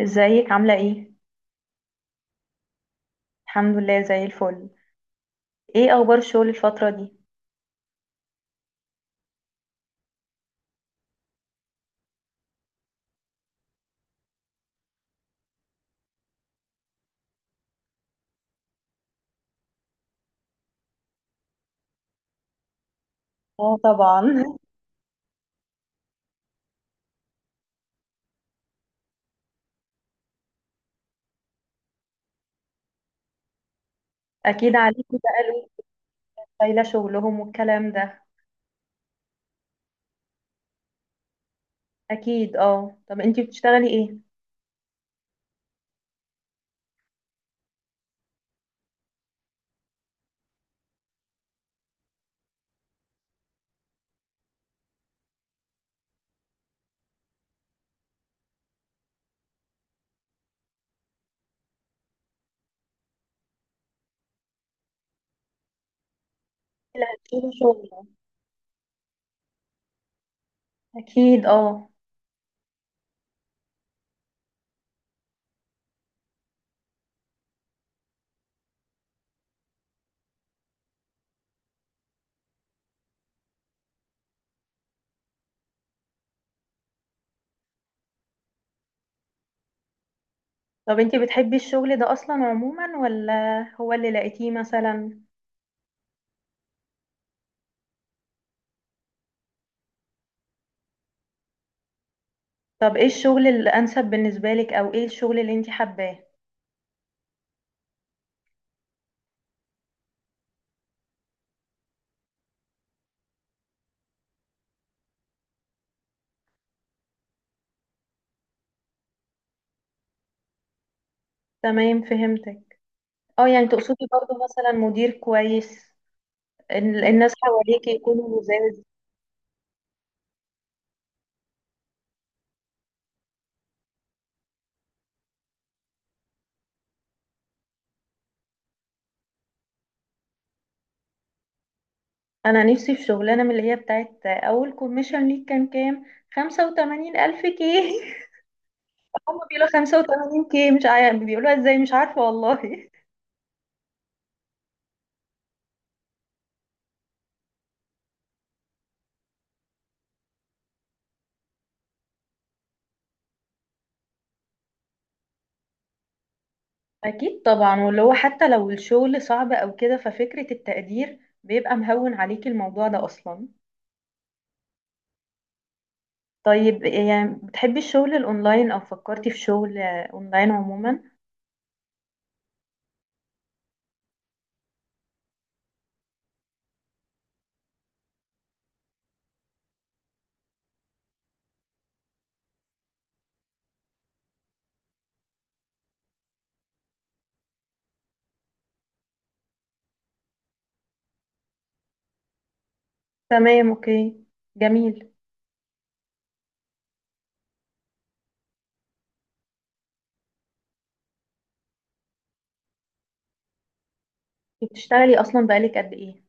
ازيك عاملة ايه؟ الحمد لله زي الفل. ايه اخبار الشغل الفترة دي؟ اه، طبعا. اكيد عليكي بقى لود، شايلة شغلهم والكلام ده. اكيد اه. طب انتي بتشتغلي ايه؟ لا، شغل شغل. اكيد اه. طب انتي بتحبي الشغل ده اصلا عموما، ولا هو اللي لقيتيه مثلا؟ طب ايه الشغل الانسب بالنسبة لك، او ايه الشغل اللي انتي حباه؟ تمام، فهمتك. اه، يعني تقصدي برضو مثلا مدير كويس، الناس حواليك يكونوا لزاز. انا نفسي في شغلانه من اللي هي بتاعت اول كوميشن ليك كان كام، 85,000 كي. هم بيقولوا 85 كي، مش عارف بيقولوها ازاي، مش عارفه والله. اكيد طبعا، واللي هو حتى لو الشغل صعب او كده ففكره التقدير بيبقى مهون عليكي الموضوع ده اصلا. طيب يعني بتحبي الشغل الاونلاين، او فكرتي في شغل اونلاين عموما؟ تمام، اوكي. جميل. بتشتغلي اصلا بقالك قد ايه؟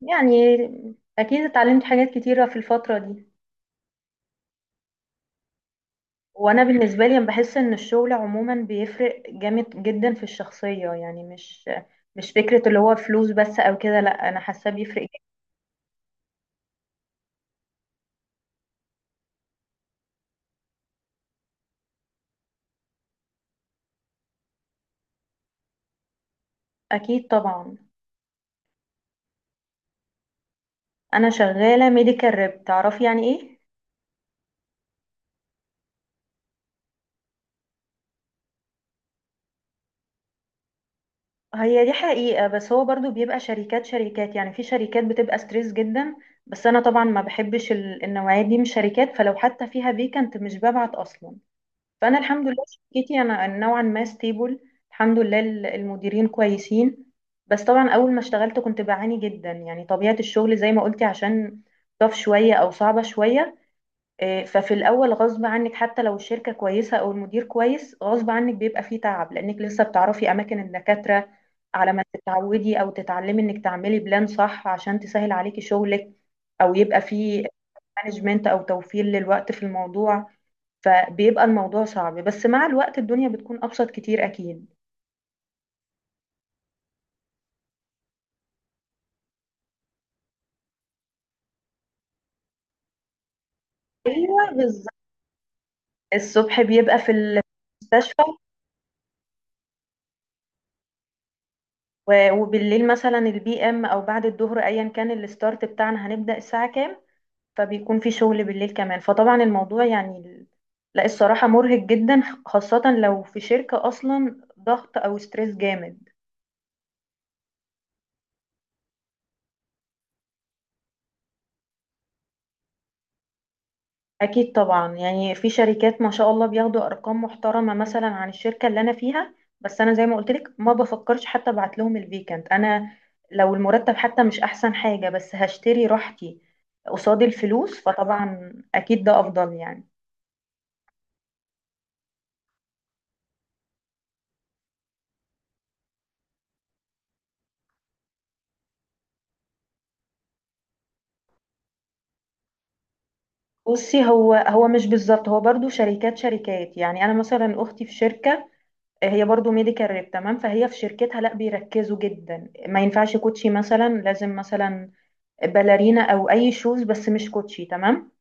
يعني اكيد اتعلمتي حاجات كتيره في الفتره دي. وانا بالنسبه لي بحس ان الشغل عموما بيفرق جامد جدا في الشخصيه، يعني مش فكره اللي هو فلوس بس او كده، لا انا حاسه بيفرق جدا. اكيد طبعا. انا شغاله ميديكال ريب، تعرفي يعني ايه؟ هي دي حقيقه، بس هو برضو بيبقى شركات شركات، يعني في شركات بتبقى ستريس جدا، بس انا طبعا ما بحبش النوعيه دي من الشركات، فلو حتى فيها فيكنت مش ببعت اصلا. فانا الحمد لله شركتي انا نوعا ما ستيبل، الحمد لله. المديرين كويسين. بس طبعا اول ما اشتغلت كنت بعاني جدا، يعني طبيعة الشغل زي ما قلتي، عشان طف شوية او صعبة شوية. ففي الاول غصب عنك حتى لو الشركة كويسة او المدير كويس، غصب عنك بيبقى فيه تعب، لانك لسه بتعرفي اماكن الدكاترة على ما تتعودي او تتعلمي انك تعملي بلان صح عشان تسهل عليكي شغلك، او يبقى فيه مانجمنت او توفير للوقت في الموضوع. فبيبقى الموضوع صعب، بس مع الوقت الدنيا بتكون أبسط كتير أكيد. ايوه بالظبط. الصبح بيبقى في المستشفى، و- وبالليل مثلا البي ام او بعد الظهر، ايا كان الستارت بتاعنا هنبدأ الساعة كام، فبيكون في شغل بالليل كمان، فطبعا الموضوع يعني لا الصراحة مرهق جدا، خاصة لو في شركة اصلا ضغط او ستريس جامد. اكيد طبعا، يعني في شركات ما شاء الله بياخدوا ارقام محترمه مثلا عن الشركه اللي انا فيها، بس انا زي ما قلت لك ما بفكرش حتى ابعت لهم الفيكنت انا. لو المرتب حتى مش احسن حاجه بس هشتري راحتي قصاد الفلوس، فطبعا اكيد ده افضل يعني. بصي، هو مش بالظبط، هو برضو شركات شركات، يعني انا مثلا اختي في شركه هي برضو ميديكال ريب، تمام. فهي في شركتها لا، بيركزوا جدا، ما ينفعش كوتشي مثلا، لازم مثلا باليرينا او اي شوز بس مش كوتشي، تمام.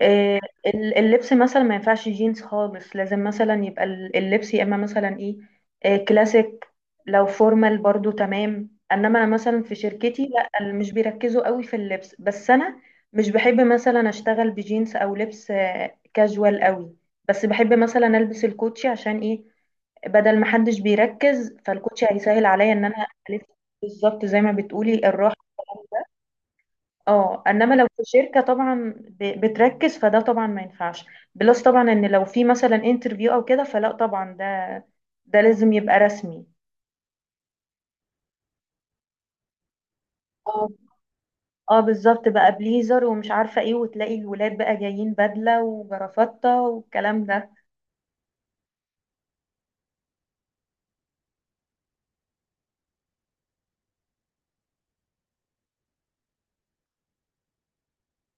آه، اللبس مثلا ما ينفعش جينز خالص، لازم مثلا يبقى اللبس يا اما مثلا ايه، كلاسيك، لو فورمال برضو تمام. انما انا مثلا في شركتي لا، مش بيركزوا قوي في اللبس، بس انا مش بحب مثلا اشتغل بجينز او لبس كاجوال قوي. بس بحب مثلا البس الكوتشي عشان ايه، بدل ما حدش بيركز فالكوتشي هيسهل عليا ان انا الف. بالظبط، زي ما بتقولي الراحة. اه، انما لو في شركه طبعا بتركز فده طبعا ما ينفعش. بلس طبعا، ان لو في مثلا انترفيو او كده فلا طبعا، ده لازم يبقى رسمي. اه، اه بالظبط بقى، بليزر ومش عارفه ايه، وتلاقي الولاد بقى جايين بدله وجرافطه والكلام ده.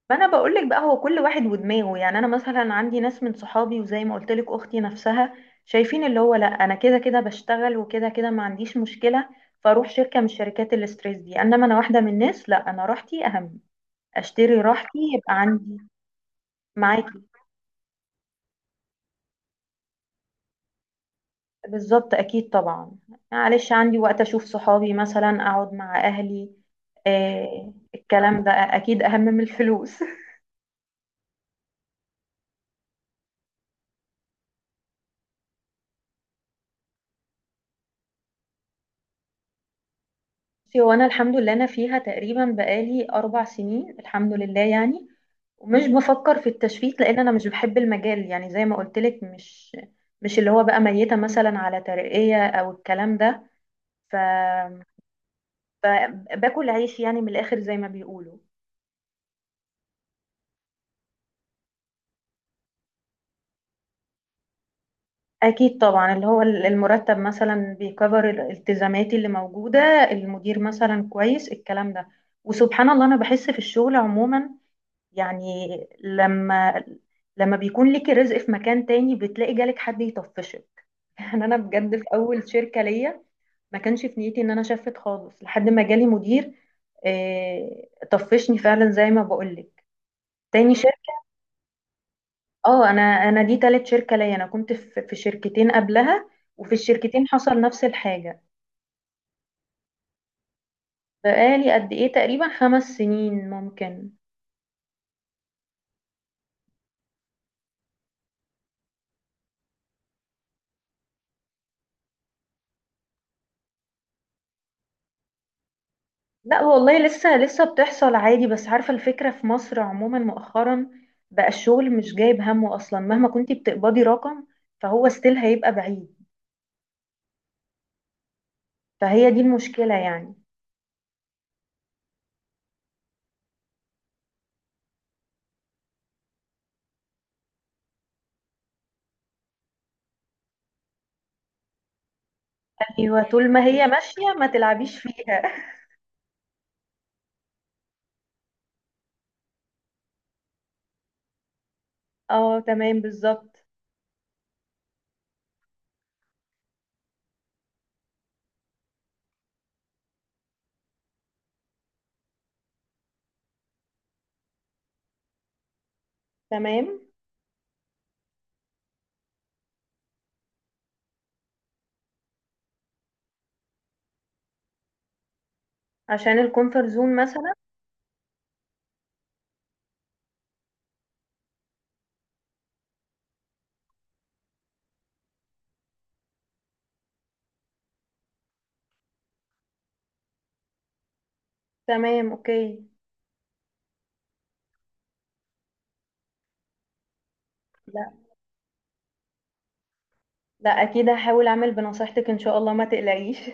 فانا بقول لك بقى، هو كل واحد ودماغه، يعني انا مثلا عندي ناس من صحابي وزي ما قلت لك اختي نفسها، شايفين اللي هو لا انا كده كده بشتغل وكده كده ما عنديش مشكله، فاروح شركه من شركات الاستريس دي. انما انا واحده من الناس لا، انا راحتي اهم، اشتري راحتي يبقى عندي. معاكي بالظبط، اكيد طبعا. معلش عندي وقت اشوف صحابي مثلا، اقعد مع اهلي، آه الكلام ده اكيد اهم من الفلوس. بصي، هو انا الحمد لله انا فيها تقريبا بقالي 4 سنين، الحمد لله يعني. ومش بفكر في التشفيت لان انا مش بحب المجال، يعني زي ما قلت لك، مش اللي هو بقى ميتة مثلا على ترقية او الكلام ده. ف... ف- باكل عيش يعني من الاخر زي ما بيقولوا. أكيد طبعا، اللي هو المرتب مثلا بيكفر الالتزاماتي اللي موجودة، المدير مثلا كويس، الكلام ده. وسبحان الله أنا بحس في الشغل عموما يعني، لما لما بيكون ليكي رزق في مكان تاني بتلاقي جالك حد يطفشك. يعني أنا بجد في أول شركة ليا ما كانش في نيتي إن أنا شفت خالص لحد ما جالي مدير طفشني فعلا زي ما بقولك. تاني شركة، اه، أنا دي تالت شركة ليا، أنا كنت في شركتين قبلها، وفي الشركتين حصل نفس الحاجة. بقالي قد ايه؟ تقريبا 5 سنين ممكن. لا والله، لسه لسه بتحصل عادي. بس عارفة الفكرة في مصر عموما مؤخرا بقى، الشغل مش جايب همه اصلا، مهما كنتي بتقبضي رقم فهو ستيل هيبقى بعيد، فهي دي المشكلة يعني. ايوه، طول ما هي ماشية ما تلعبيش فيها. اه تمام، بالظبط. تمام، عشان الكونفرت زون مثلا. تمام، اوكي. لا، لا، اكيد هحاول اعمل بنصيحتك ان شاء الله، ما تقلقيش.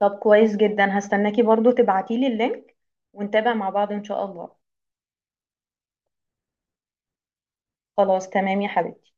طب كويس جدا، هستناكي برضو تبعتيلي اللينك ونتابع مع بعض إن شاء الله. خلاص تمام يا حبيبي.